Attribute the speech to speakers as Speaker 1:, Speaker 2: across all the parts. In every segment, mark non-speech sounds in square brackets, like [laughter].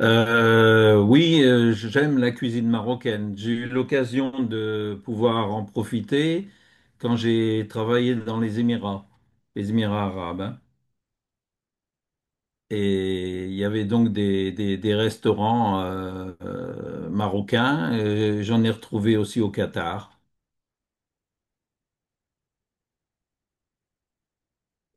Speaker 1: Oui, J'aime la cuisine marocaine. J'ai eu l'occasion de pouvoir en profiter quand j'ai travaillé dans les Émirats arabes, hein. Et il y avait donc des restaurants marocains. J'en ai retrouvé aussi au Qatar.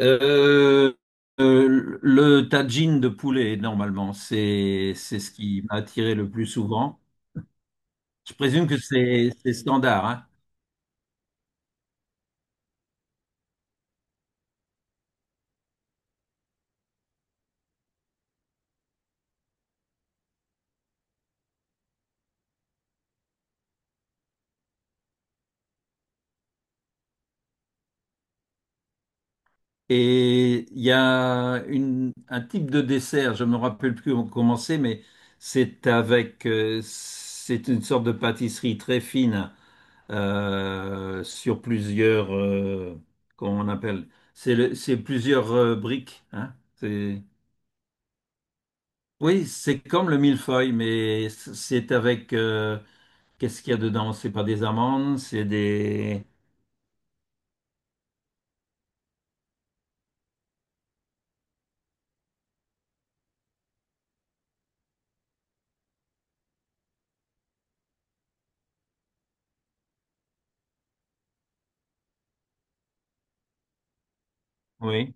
Speaker 1: Euh, le tagine de poulet, normalement, c'est ce qui m'a attiré le plus souvent. Je présume que c'est standard, hein. Et il y a un type de dessert, je me rappelle plus comment c'est, mais c'est avec, c'est une sorte de pâtisserie très fine sur plusieurs, comment on appelle, c'est le- c'est plusieurs briques, hein. Oui, c'est comme le millefeuille, mais c'est avec, qu'est-ce qu'il y a dedans? C'est pas des amandes, c'est des, oui,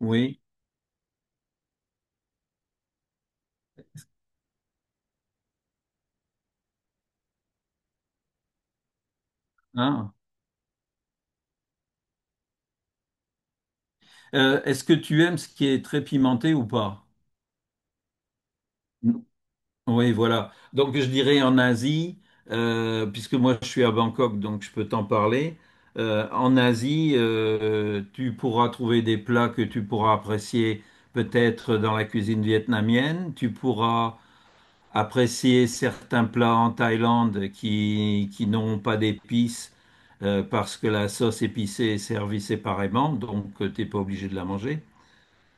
Speaker 1: oui, hein. Est-ce que tu aimes ce qui est très pimenté ou pas? Oui, voilà. Donc je dirais en Asie, puisque moi je suis à Bangkok, donc je peux t'en parler. En Asie, tu pourras trouver des plats que tu pourras apprécier peut-être dans la cuisine vietnamienne. Tu pourras apprécier certains plats en Thaïlande qui n'ont pas d'épices parce que la sauce épicée est servie séparément, donc tu n'es pas obligé de la manger.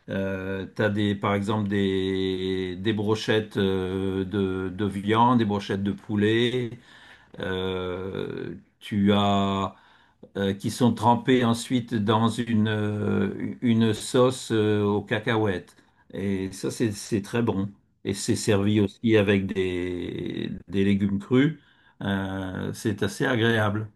Speaker 1: T'as des, par exemple des brochettes de viande, des brochettes de poulet. Tu as Qui sont trempées ensuite dans une sauce aux cacahuètes. Et ça c'est très bon. Et c'est servi aussi avec des légumes crus. C'est assez agréable.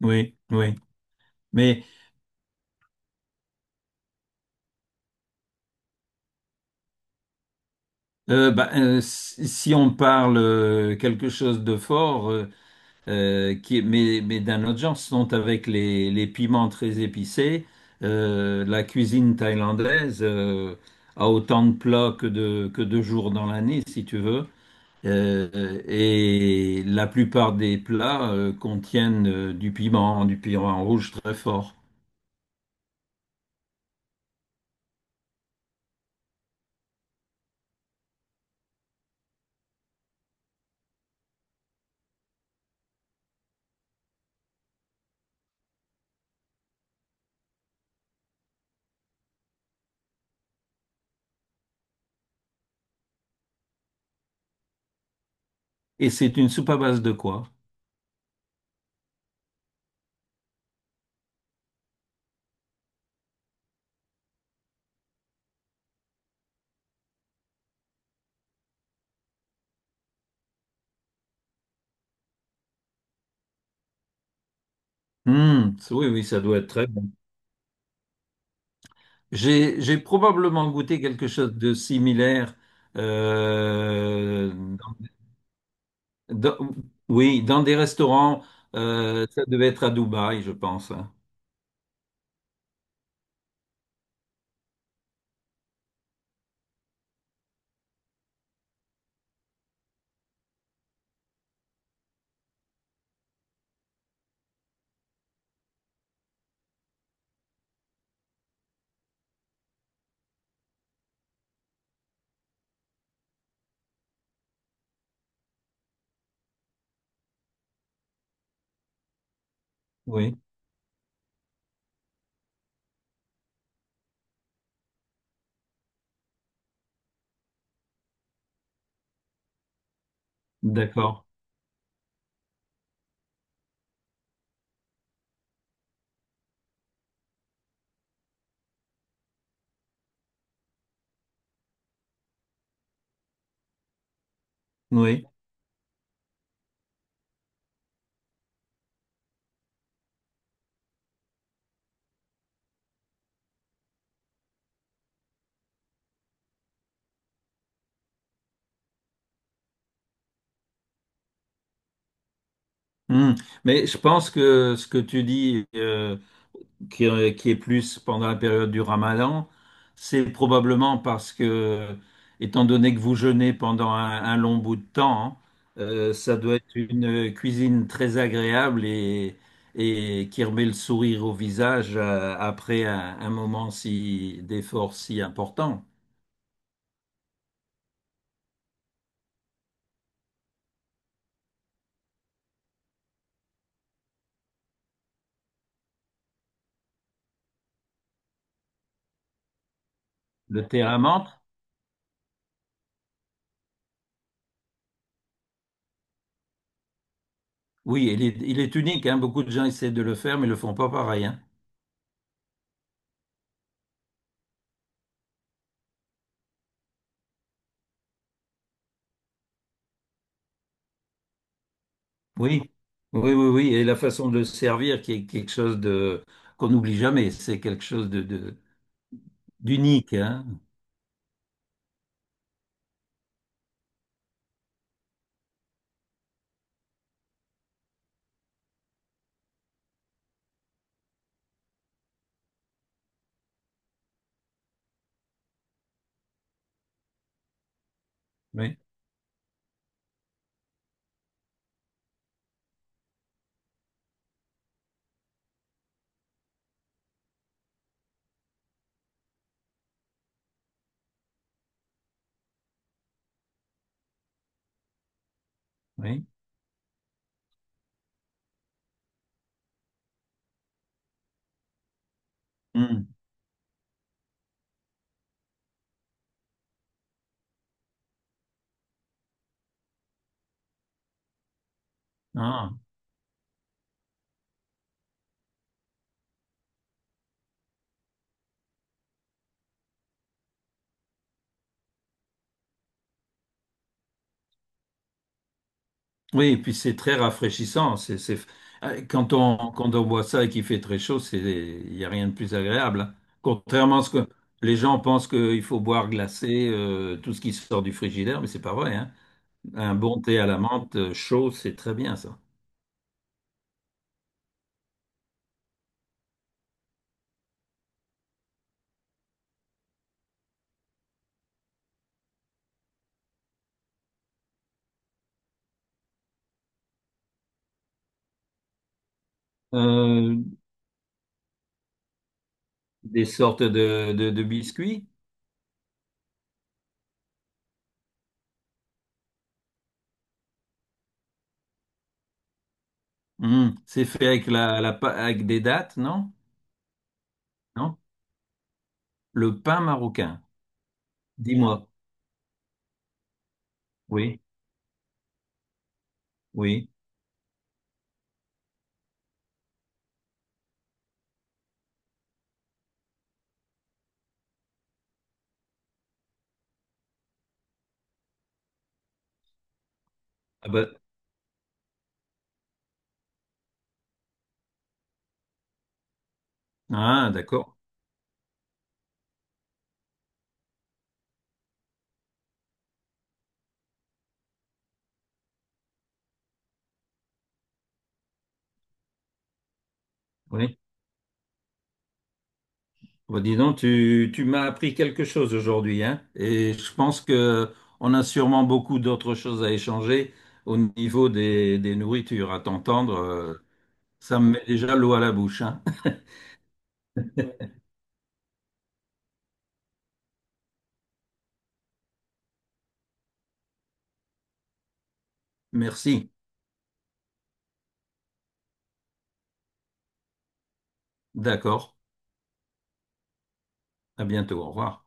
Speaker 1: Oui, oui. Mais si si on parle quelque chose de fort, mais d'un autre genre, ce sont avec les piments très épicés. La cuisine thaïlandaise a autant de plats que que de jours dans l'année, si tu veux. Et la plupart des plats contiennent du piment rouge très fort. Et c'est une soupe à base de quoi? Hmm, oui, oui, ça doit être très bon. J'ai probablement goûté quelque chose de similaire, euh, Dans- oui, dans des restaurants, ça devait être à Dubaï, je pense, hein. Oui, d'accord. Oui. Hmm. Mais je pense que ce que tu dis qui est plus pendant la période du Ramadan, c'est probablement parce que, étant donné que vous jeûnez pendant un long bout de temps, hein, ça doit être une cuisine très agréable et qui remet le sourire au visage après un moment si, d'effort si important. Le thé à la menthe, oui, il est unique, hein. Beaucoup de gens essaient de le faire, mais ne le font pas pareil, hein. Oui, oui, oui, oui. Et la façon de le servir qui est quelque chose de qu'on n'oublie jamais. C'est quelque chose d'unique, hein. Oui, oui. Hmm. Ah. Oui, et puis c'est très rafraîchissant. Quand on, quand on boit ça et qu'il fait très chaud, c'est, il n'y a rien de plus agréable, hein. Contrairement à ce que les gens pensent qu'il faut boire glacé, tout ce qui sort du frigidaire, mais c'est pas vrai, hein. Un bon thé à la menthe chaud, c'est très bien ça. Euh, des sortes de biscuits. Mhm. C'est fait avec, la, avec des dattes, non? Non? Le pain marocain. Dis-moi. Oui, oui. Ah, bah, ah, d'accord. Oui. Bon, dis donc, tu m'as appris quelque chose aujourd'hui, hein? Et je pense que on a sûrement beaucoup d'autres choses à échanger au niveau des nourritures. À t'entendre, ça me met déjà l'eau à la bouche, hein? [laughs] Merci. D'accord. À bientôt. Au revoir.